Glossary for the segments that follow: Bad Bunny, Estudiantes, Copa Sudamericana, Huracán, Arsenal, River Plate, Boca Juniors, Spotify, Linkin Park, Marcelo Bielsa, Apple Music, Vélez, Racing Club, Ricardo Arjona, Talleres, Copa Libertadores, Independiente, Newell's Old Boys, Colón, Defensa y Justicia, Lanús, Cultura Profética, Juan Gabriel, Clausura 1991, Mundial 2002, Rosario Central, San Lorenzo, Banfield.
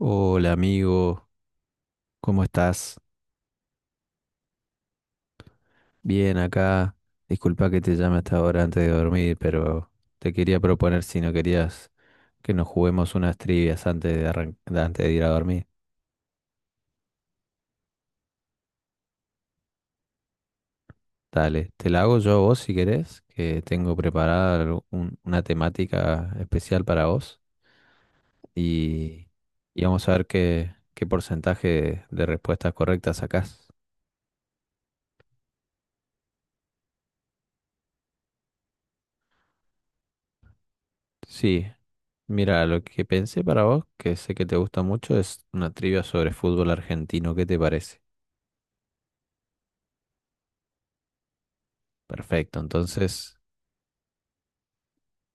Hola amigo, ¿cómo estás? Bien acá. Disculpa que te llame hasta ahora antes de dormir, pero te quería proponer si no querías que nos juguemos unas trivias antes de ir a dormir. Dale, te la hago yo a vos si querés, que tengo preparada una temática especial para vos y, y vamos a ver qué porcentaje de respuestas correctas sacás. Sí, mira, lo que pensé para vos, que sé que te gusta mucho, es una trivia sobre fútbol argentino. ¿Qué te parece? Perfecto, entonces,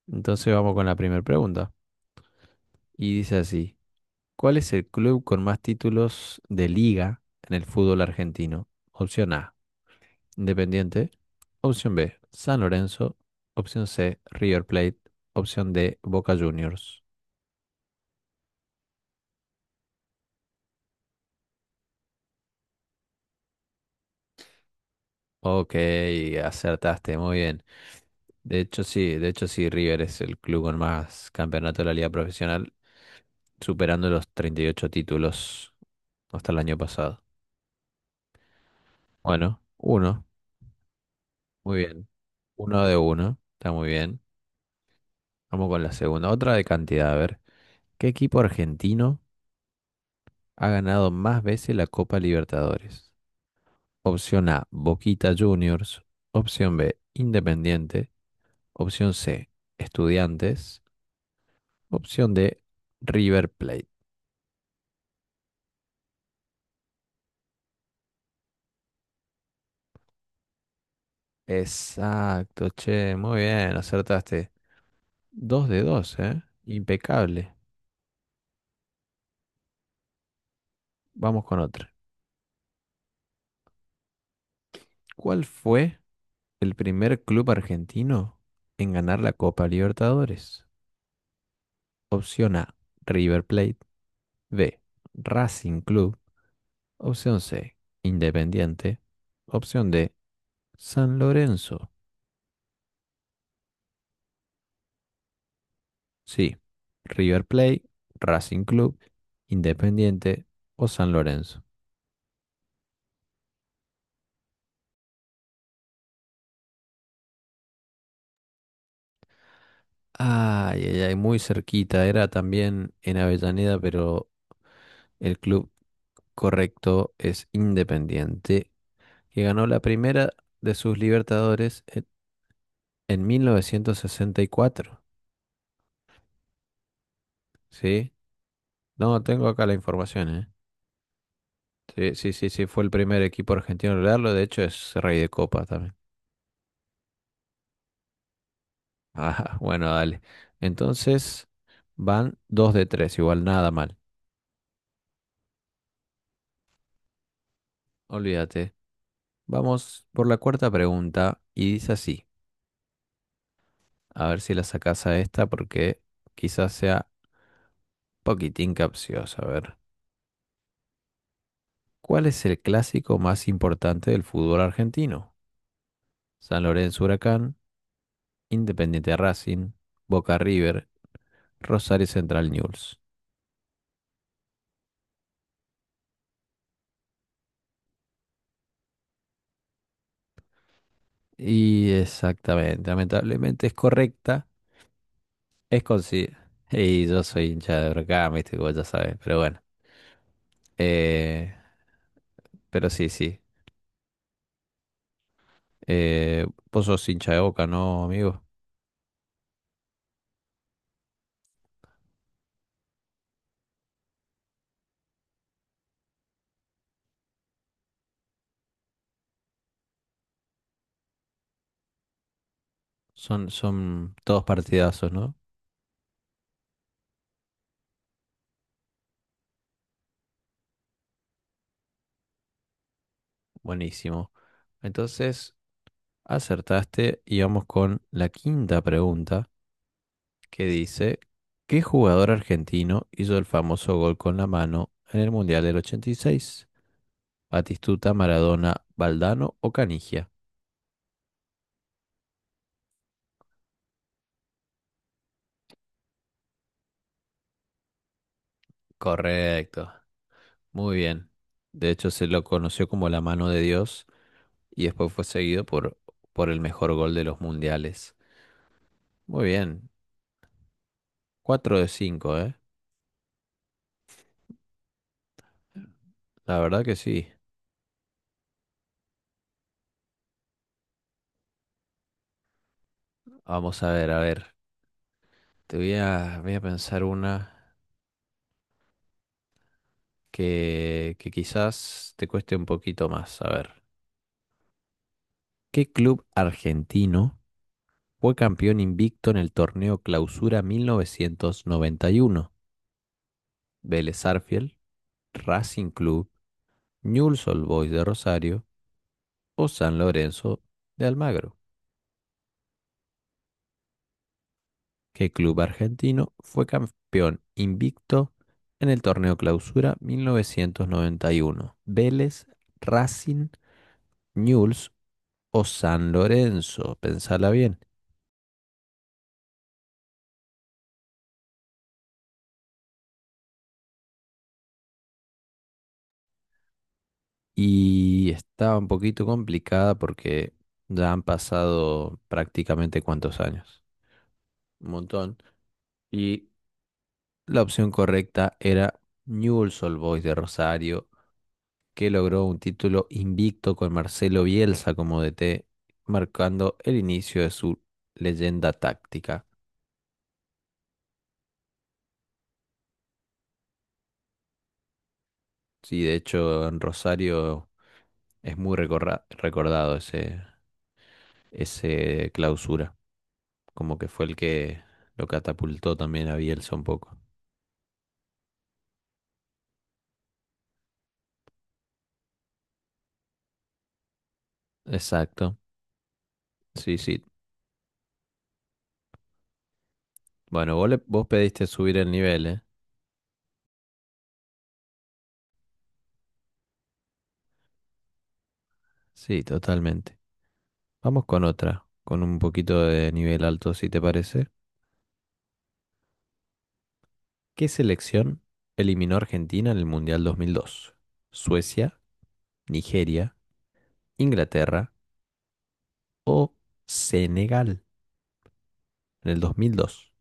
entonces vamos con la primera pregunta. Y dice así, ¿cuál es el club con más títulos de liga en el fútbol argentino? Opción A, Independiente. Opción B, San Lorenzo. Opción C, River Plate. Opción D, Boca Juniors. Ok, acertaste, muy bien. De hecho, sí, River es el club con más campeonatos de la liga profesional, superando los 38 títulos hasta el año pasado. Bueno, uno, muy bien. Uno de uno, está muy bien. Vamos con la segunda. Otra de cantidad, a ver. ¿Qué equipo argentino ha ganado más veces la Copa Libertadores? Opción A, Boquita Juniors. Opción B, Independiente. Opción C, Estudiantes. Opción D, River Plate. Exacto, che, muy bien, acertaste. Dos de dos, ¿eh? Impecable. Vamos con otra. ¿Cuál fue el primer club argentino en ganar la Copa Libertadores? Opción A, River Plate. B, Racing Club. Opción C, Independiente. Opción D, San Lorenzo. Sí, River Plate, Racing Club, Independiente o San Lorenzo. Ay, ay, ay, muy cerquita. Era también en Avellaneda, pero el club correcto es Independiente, que ganó la primera de sus Libertadores en 1964. ¿Sí? No, tengo acá la información, ¿eh? Sí, sí, sí, sí, fue el primer equipo argentino en lograrlo. De hecho, es rey de copa también. Ah, bueno, dale. Entonces, van dos de tres, igual nada mal. Olvídate. Vamos por la cuarta pregunta y dice así. A ver si la sacás a esta porque quizás sea poquitín capciosa. A ver, ¿cuál es el clásico más importante del fútbol argentino? San Lorenzo Huracán, Independiente Racing, Boca River, Rosario Central News. Y exactamente, lamentablemente es correcta, es consi- y yo soy hincha de Huracán, viste, como ya sabes, pero bueno. Eh, pero sí, sí. Eh, vos sos hincha de Boca, ¿no, amigo? Son, son todos partidazos, ¿no? Buenísimo. Entonces, acertaste y vamos con la quinta pregunta que dice, ¿qué jugador argentino hizo el famoso gol con la mano en el Mundial del 86? ¿Batistuta, Maradona, Valdano o Canigia? Correcto. Muy bien. De hecho, se lo conoció como la mano de Dios y después fue seguido por el mejor gol de los mundiales. Muy bien. 4 de 5, ¿eh? La verdad que sí. Vamos a ver, a ver. Voy a pensar una que quizás te cueste un poquito más. A ver, ¿qué club argentino fue campeón invicto en el torneo Clausura 1991? ¿Vélez Arfiel, Racing Club, Newell's Old Boys de Rosario o San Lorenzo de Almagro? ¿Qué club argentino fue campeón invicto en el torneo Clausura 1991? ¿Vélez, Racing, Newell's o San Lorenzo, pensala bien. Y estaba un poquito complicada porque ya han pasado prácticamente cuántos años, un montón. Y la opción correcta era Newell's Old Boys de Rosario, que logró un título invicto con Marcelo Bielsa como DT, marcando el inicio de su leyenda táctica. Sí, de hecho, en Rosario es muy recordado ese clausura. Como que fue el que lo catapultó también a Bielsa un poco. Exacto. Sí, sí. Bueno, vos pediste subir el nivel, ¿eh? Sí, totalmente. Vamos con otra, con un poquito de nivel alto, si te parece. ¿Qué selección eliminó a Argentina en el Mundial 2002? ¿Suecia, Nigeria, Inglaterra o Senegal? En el 2002.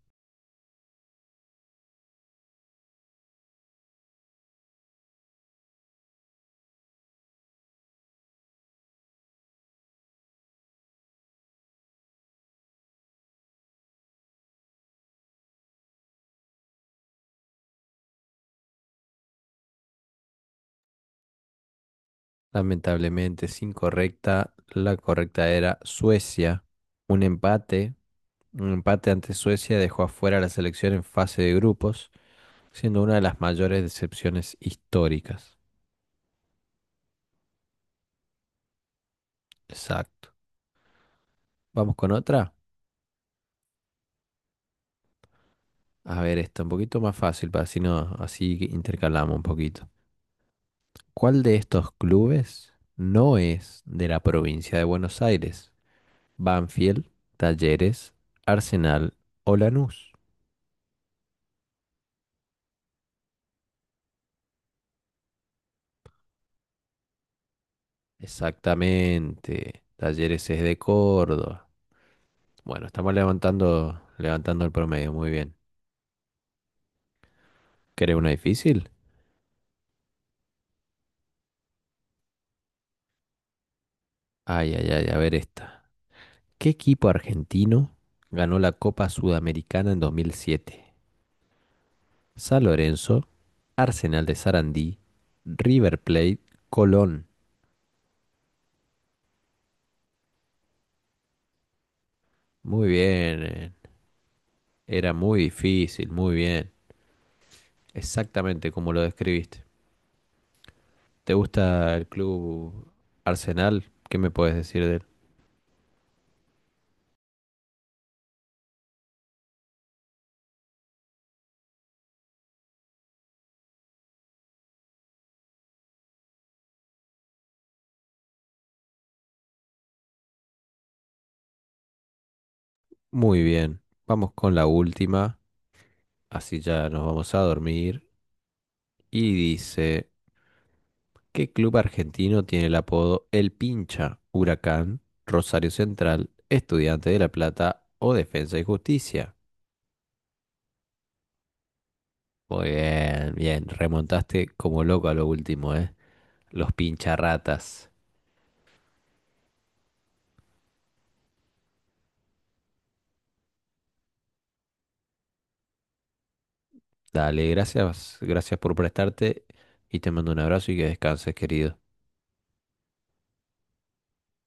Lamentablemente sin correcta, la correcta era Suecia. Un empate, un empate ante Suecia dejó afuera a la selección en fase de grupos, siendo una de las mayores decepciones históricas. Exacto. Vamos con otra. A ver, esta un poquito más fácil, para así no, así que intercalamos un poquito. ¿Cuál de estos clubes no es de la provincia de Buenos Aires? Banfield, Talleres, Arsenal o Lanús. Exactamente. Talleres es de Córdoba. Bueno, estamos levantando el promedio, muy bien. ¿Querés una difícil? Ay, ay, ay, a ver esta. ¿Qué equipo argentino ganó la Copa Sudamericana en 2007? San Lorenzo, Arsenal de Sarandí, River Plate, Colón. Muy bien. Era muy difícil, muy bien. Exactamente como lo describiste. ¿Te gusta el club Arsenal? ¿Qué me puedes decir? Muy bien, vamos con la última, así ya nos vamos a dormir. Y dice, ¿qué club argentino tiene el apodo El Pincha? Huracán, Rosario Central, Estudiante de La Plata o Defensa y Justicia. Muy bien, bien, remontaste como loco a lo último, ¿eh? Los pincharratas. Dale, gracias, gracias por prestarte y te mando un abrazo y que descanses, querido.